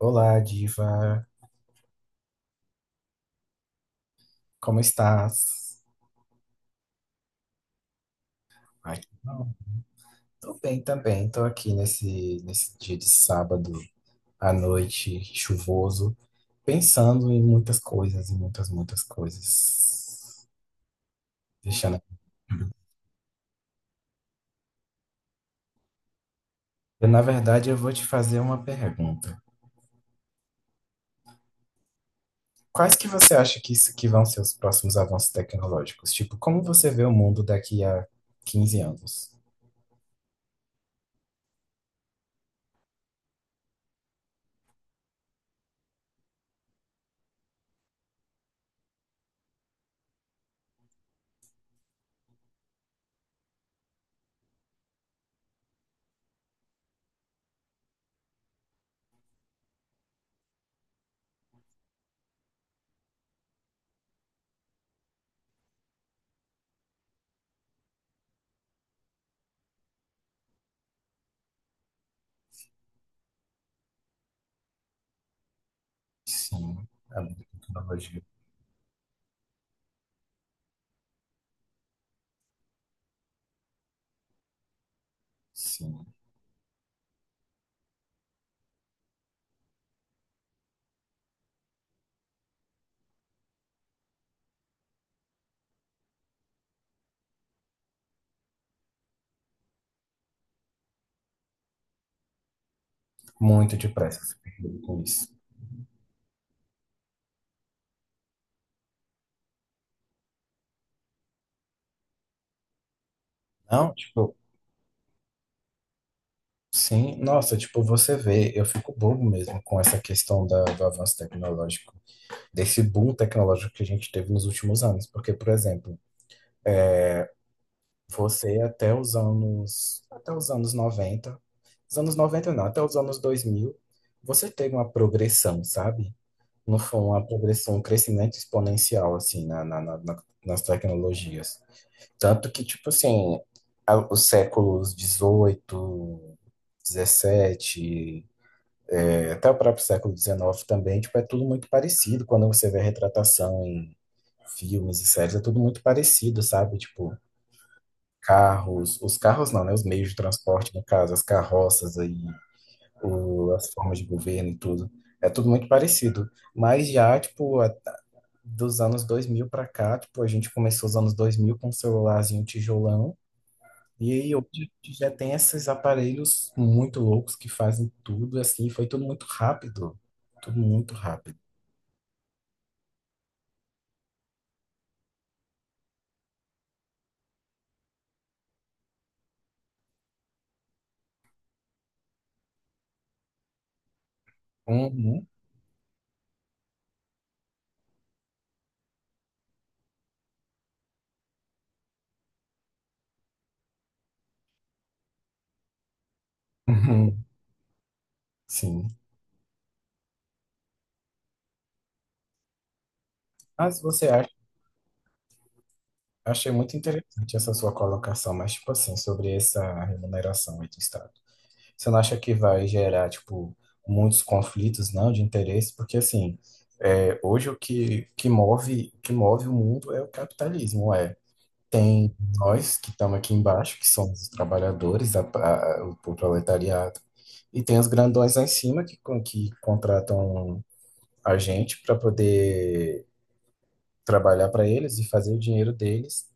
Olá, diva. Como estás? Ai, não. Tô bem também. Tô aqui nesse dia de sábado à noite, chuvoso, pensando em muitas coisas, em muitas, muitas coisas. Deixando... Eu, na verdade, eu vou te fazer uma pergunta. Quais que você acha que, isso, que vão ser os próximos avanços tecnológicos? Tipo, como você vê o mundo daqui a 15 anos? Sim, a tecnologia. Sim, muito depressa, eu fico doido com isso. Não, tipo, sim, nossa, tipo, você vê, eu fico bobo mesmo com essa questão do avanço tecnológico, desse boom tecnológico que a gente teve nos últimos anos. Porque, por exemplo, você até os anos 90 os anos 90 não, até os anos 2000 você teve uma progressão, sabe? Não foi uma progressão, um crescimento exponencial, assim, nas tecnologias. Tanto que, tipo assim, os séculos XVIII, XVII, até o próprio século XIX também, tipo, é tudo muito parecido. Quando você vê a retratação em filmes e séries, é tudo muito parecido, sabe? Tipo, carros, os carros não, né? Os meios de transporte, no caso, as carroças aí, as formas de governo e tudo. É tudo muito parecido. Mas já, tipo, dos anos 2000 pra cá, tipo, a gente começou os anos 2000 com um celularzinho tijolão. E aí hoje a gente já tem esses aparelhos muito loucos que fazem tudo assim, foi tudo muito rápido, tudo muito rápido. Uhum. Uhum. Sim. Mas você acha, achei muito interessante essa sua colocação, mas tipo assim, sobre essa remuneração aí do Estado. Você não acha que vai gerar, tipo, muitos conflitos, não, de interesse? Porque assim, é, hoje o que move o mundo é o capitalismo, é. Tem nós que estamos aqui embaixo, que somos os trabalhadores, o proletariado, e tem os grandões lá em cima que contratam a gente para poder trabalhar para eles e fazer o dinheiro deles.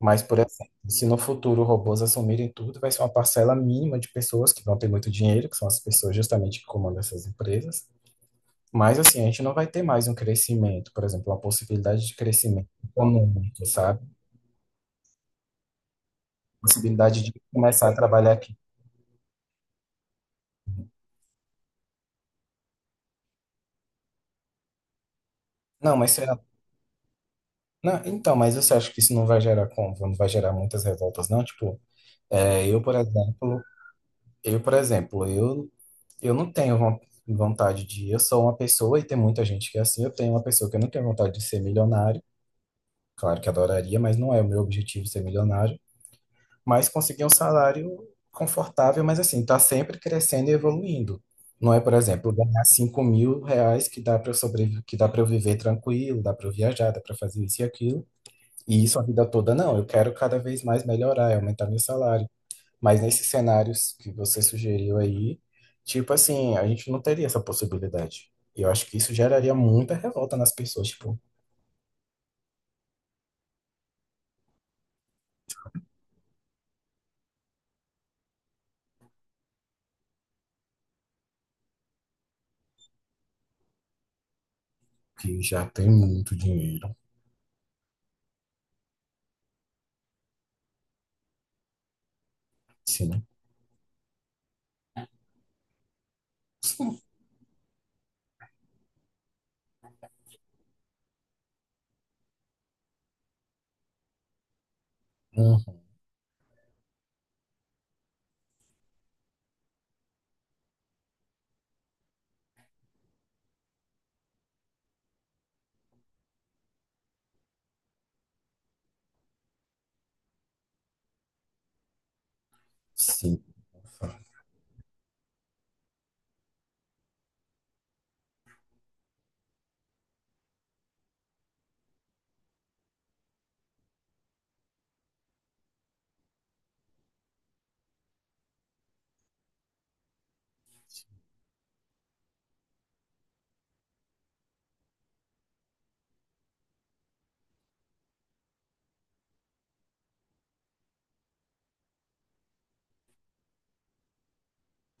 Mas, por exemplo, se no futuro robôs assumirem tudo, vai ser uma parcela mínima de pessoas que vão ter muito dinheiro, que são as pessoas justamente que comandam essas empresas. Mas, assim, a gente não vai ter mais um crescimento, por exemplo, uma possibilidade de crescimento econômico, sabe? Possibilidade de começar a trabalhar aqui. Não, mas será. Não, então, mas você acha que isso não vai gerar como? Não vai gerar muitas revoltas, não? Tipo, eu, por exemplo, eu, por exemplo, eu, eu não tenho vontade de. Eu sou uma pessoa e tem muita gente que é assim. Eu tenho uma pessoa que eu não tenho vontade de ser milionário. Claro que adoraria, mas não é o meu objetivo ser milionário. Mas conseguir um salário confortável, mas assim, tá sempre crescendo e evoluindo. Não é, por exemplo, ganhar R$ 5.000 que dá para eu sobreviver, que dá para eu viver tranquilo, dá para eu viajar, dá para fazer isso e aquilo. E isso a vida toda não, eu quero cada vez mais melhorar, e aumentar meu salário. Mas nesses cenários que você sugeriu aí, tipo assim, a gente não teria essa possibilidade. E eu acho que isso geraria muita revolta nas pessoas, tipo, que já tem muito dinheiro. Sim. Uhum. Sim.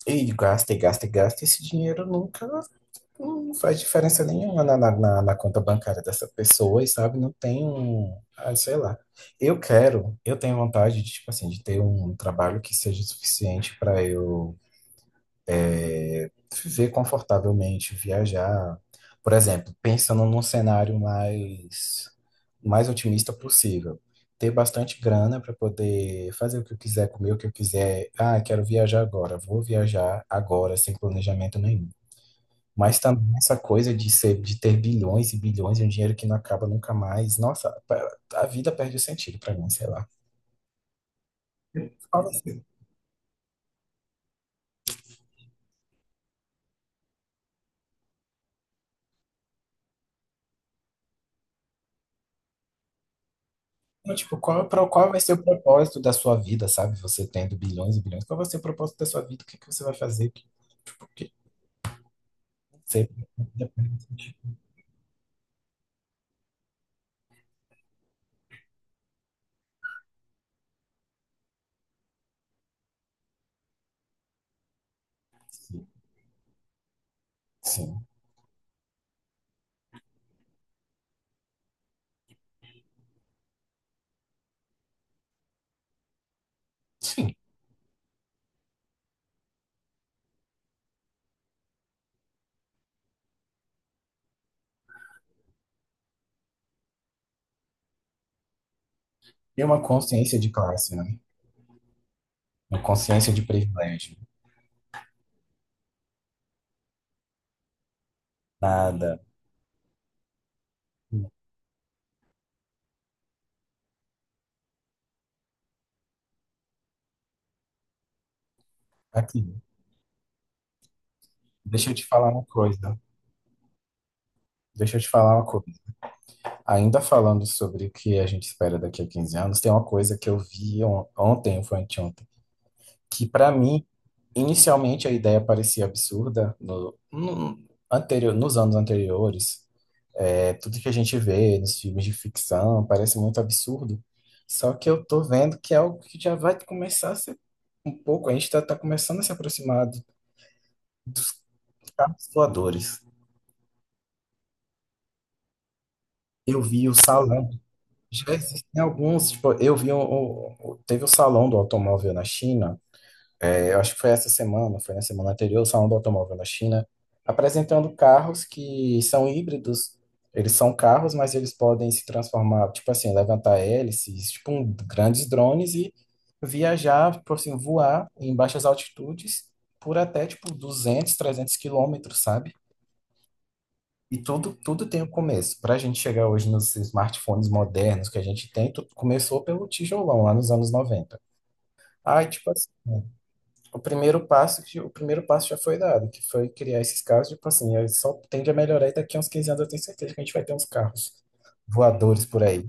E gasta, e gasta, e gasta, esse dinheiro nunca não faz diferença nenhuma na conta bancária dessa pessoa, e sabe? Não tem um, ah, sei lá. Eu tenho vontade de, tipo assim, de ter um trabalho que seja suficiente para eu é, viver confortavelmente, viajar. Por exemplo, pensando num cenário mais otimista possível. Ter bastante grana para poder fazer o que eu quiser, comer o que eu quiser. Ah, quero viajar agora. Vou viajar agora, sem planejamento nenhum. Mas também essa coisa de ter bilhões e bilhões e um dinheiro que não acaba nunca mais. Nossa, a vida perde o sentido pra mim, sei lá. Qual vai ser? Não, tipo, qual vai ser o propósito da sua vida, sabe? Você tendo bilhões e bilhões. Qual vai ser o propósito da sua vida? O que que você vai fazer? Que, tipo, que, ser, sim. Sim. E uma consciência de classe, né? Uma consciência de privilégio. Nada. Aqui, deixa eu te falar uma coisa. Deixa eu te falar uma coisa. Ainda falando sobre o que a gente espera daqui a 15 anos, tem uma coisa que eu vi ontem, ou foi anteontem, que para mim, inicialmente a ideia parecia absurda anterior, nos anos anteriores. É, tudo que a gente vê nos filmes de ficção parece muito absurdo. Só que eu tô vendo que é algo que já vai começar a ser um pouco, a gente tá começando a se aproximar dos carros voadores. Eu vi o salão. Já existem alguns, tipo, eu vi um, teve o Salão do Automóvel na China, eu acho que foi essa semana, foi na semana anterior, o Salão do Automóvel na China, apresentando carros que são híbridos. Eles são carros, mas eles podem se transformar, tipo assim, levantar hélices, tipo um, grandes drones e viajar, tipo assim, voar em baixas altitudes por até, tipo, 200 300 quilômetros, sabe? E tudo, tudo tem um começo. Para a gente chegar hoje nos smartphones modernos que a gente tem, tudo começou pelo tijolão, lá nos anos 90. Aí, tipo assim, né, o primeiro passo, o primeiro passo já foi dado, que foi criar esses carros, tipo assim, aí só tende a melhorar e daqui a uns 15 anos eu tenho certeza que a gente vai ter uns carros voadores por aí.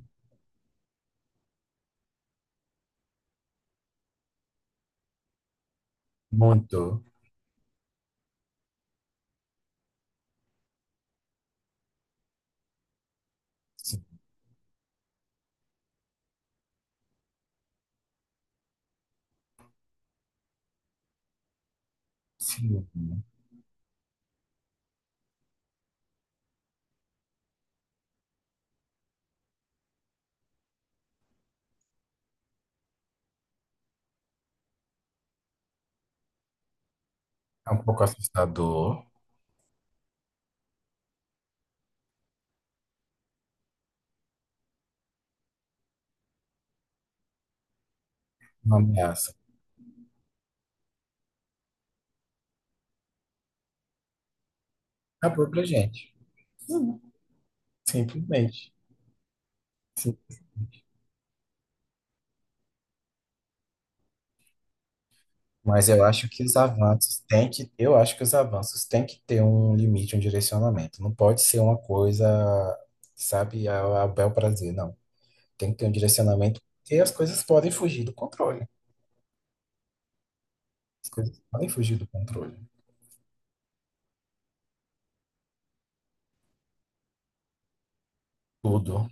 Muito. Sim, sim. É um pouco assustador, uma ameaça. Acabou pra gente. Sim. Simplesmente. Mas eu acho que os avanços têm que, eu acho que os avanços têm que ter um limite, um direcionamento. Não pode ser uma coisa, sabe, a bel prazer, não. Tem que ter um direcionamento, porque as coisas podem fugir do controle. As coisas podem fugir do controle. Tudo.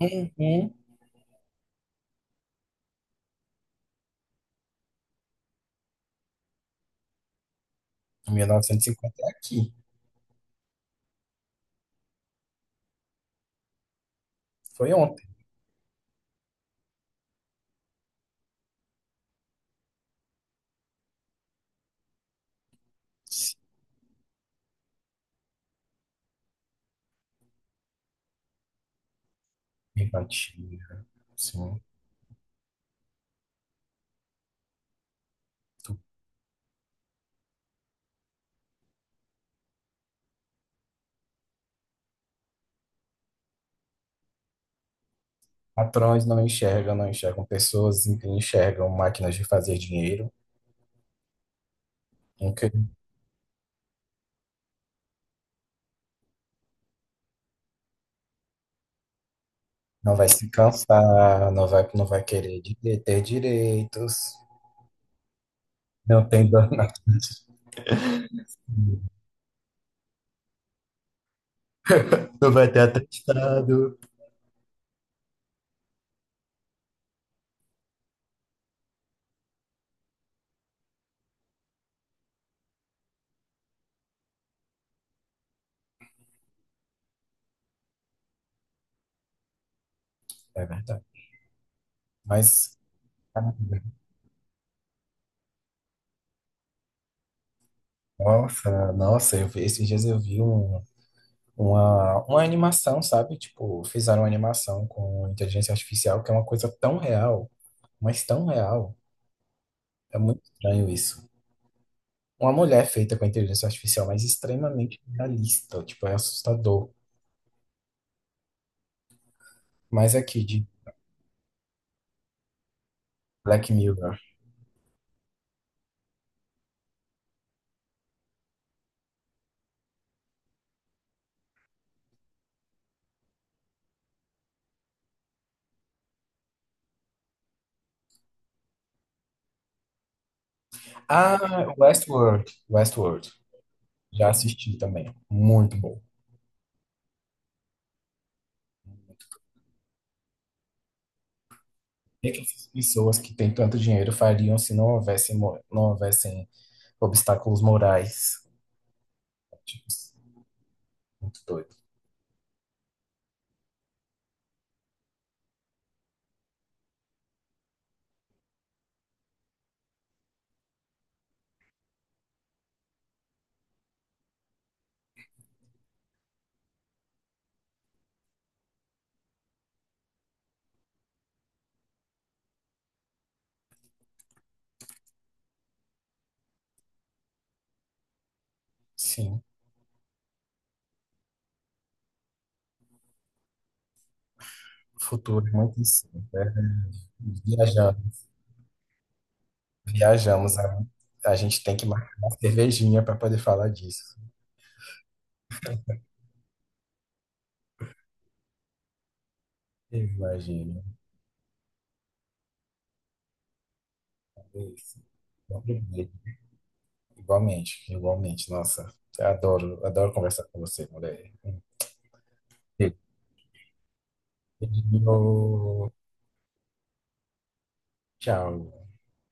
Uhum. 1950 é aqui. Foi ontem. Empatia. Sim. Tu- Patrões não enxergam, não enxergam pessoas, enxergam máquinas de fazer dinheiro. Não vai se cansar, não vai querer ter direitos, não tem dor na testa, não vai ter atestado. É verdade. Mas, nossa, nossa, esses dias eu vi um, uma animação, sabe? Tipo, fizeram uma animação com inteligência artificial, que é uma coisa tão real, mas tão real. É muito estranho isso. Uma mulher feita com inteligência artificial, mas extremamente realista. Tipo, é assustador. Mas aqui, de Black Mirror. Ah, Westworld. Westworld. Já assisti também. Muito bom. O que essas pessoas que têm tanto dinheiro fariam se não houvessem obstáculos morais? Tipo, muito doido. Sim, o futuro é muito insano, né? Viaja- Viajamos. A gente tem que marcar uma cervejinha para poder falar disso. Imagina. Isso. Obrigado. Igualmente, igualmente. Nossa, eu adoro, adoro conversar com você, mulher. Beijo. Tchau.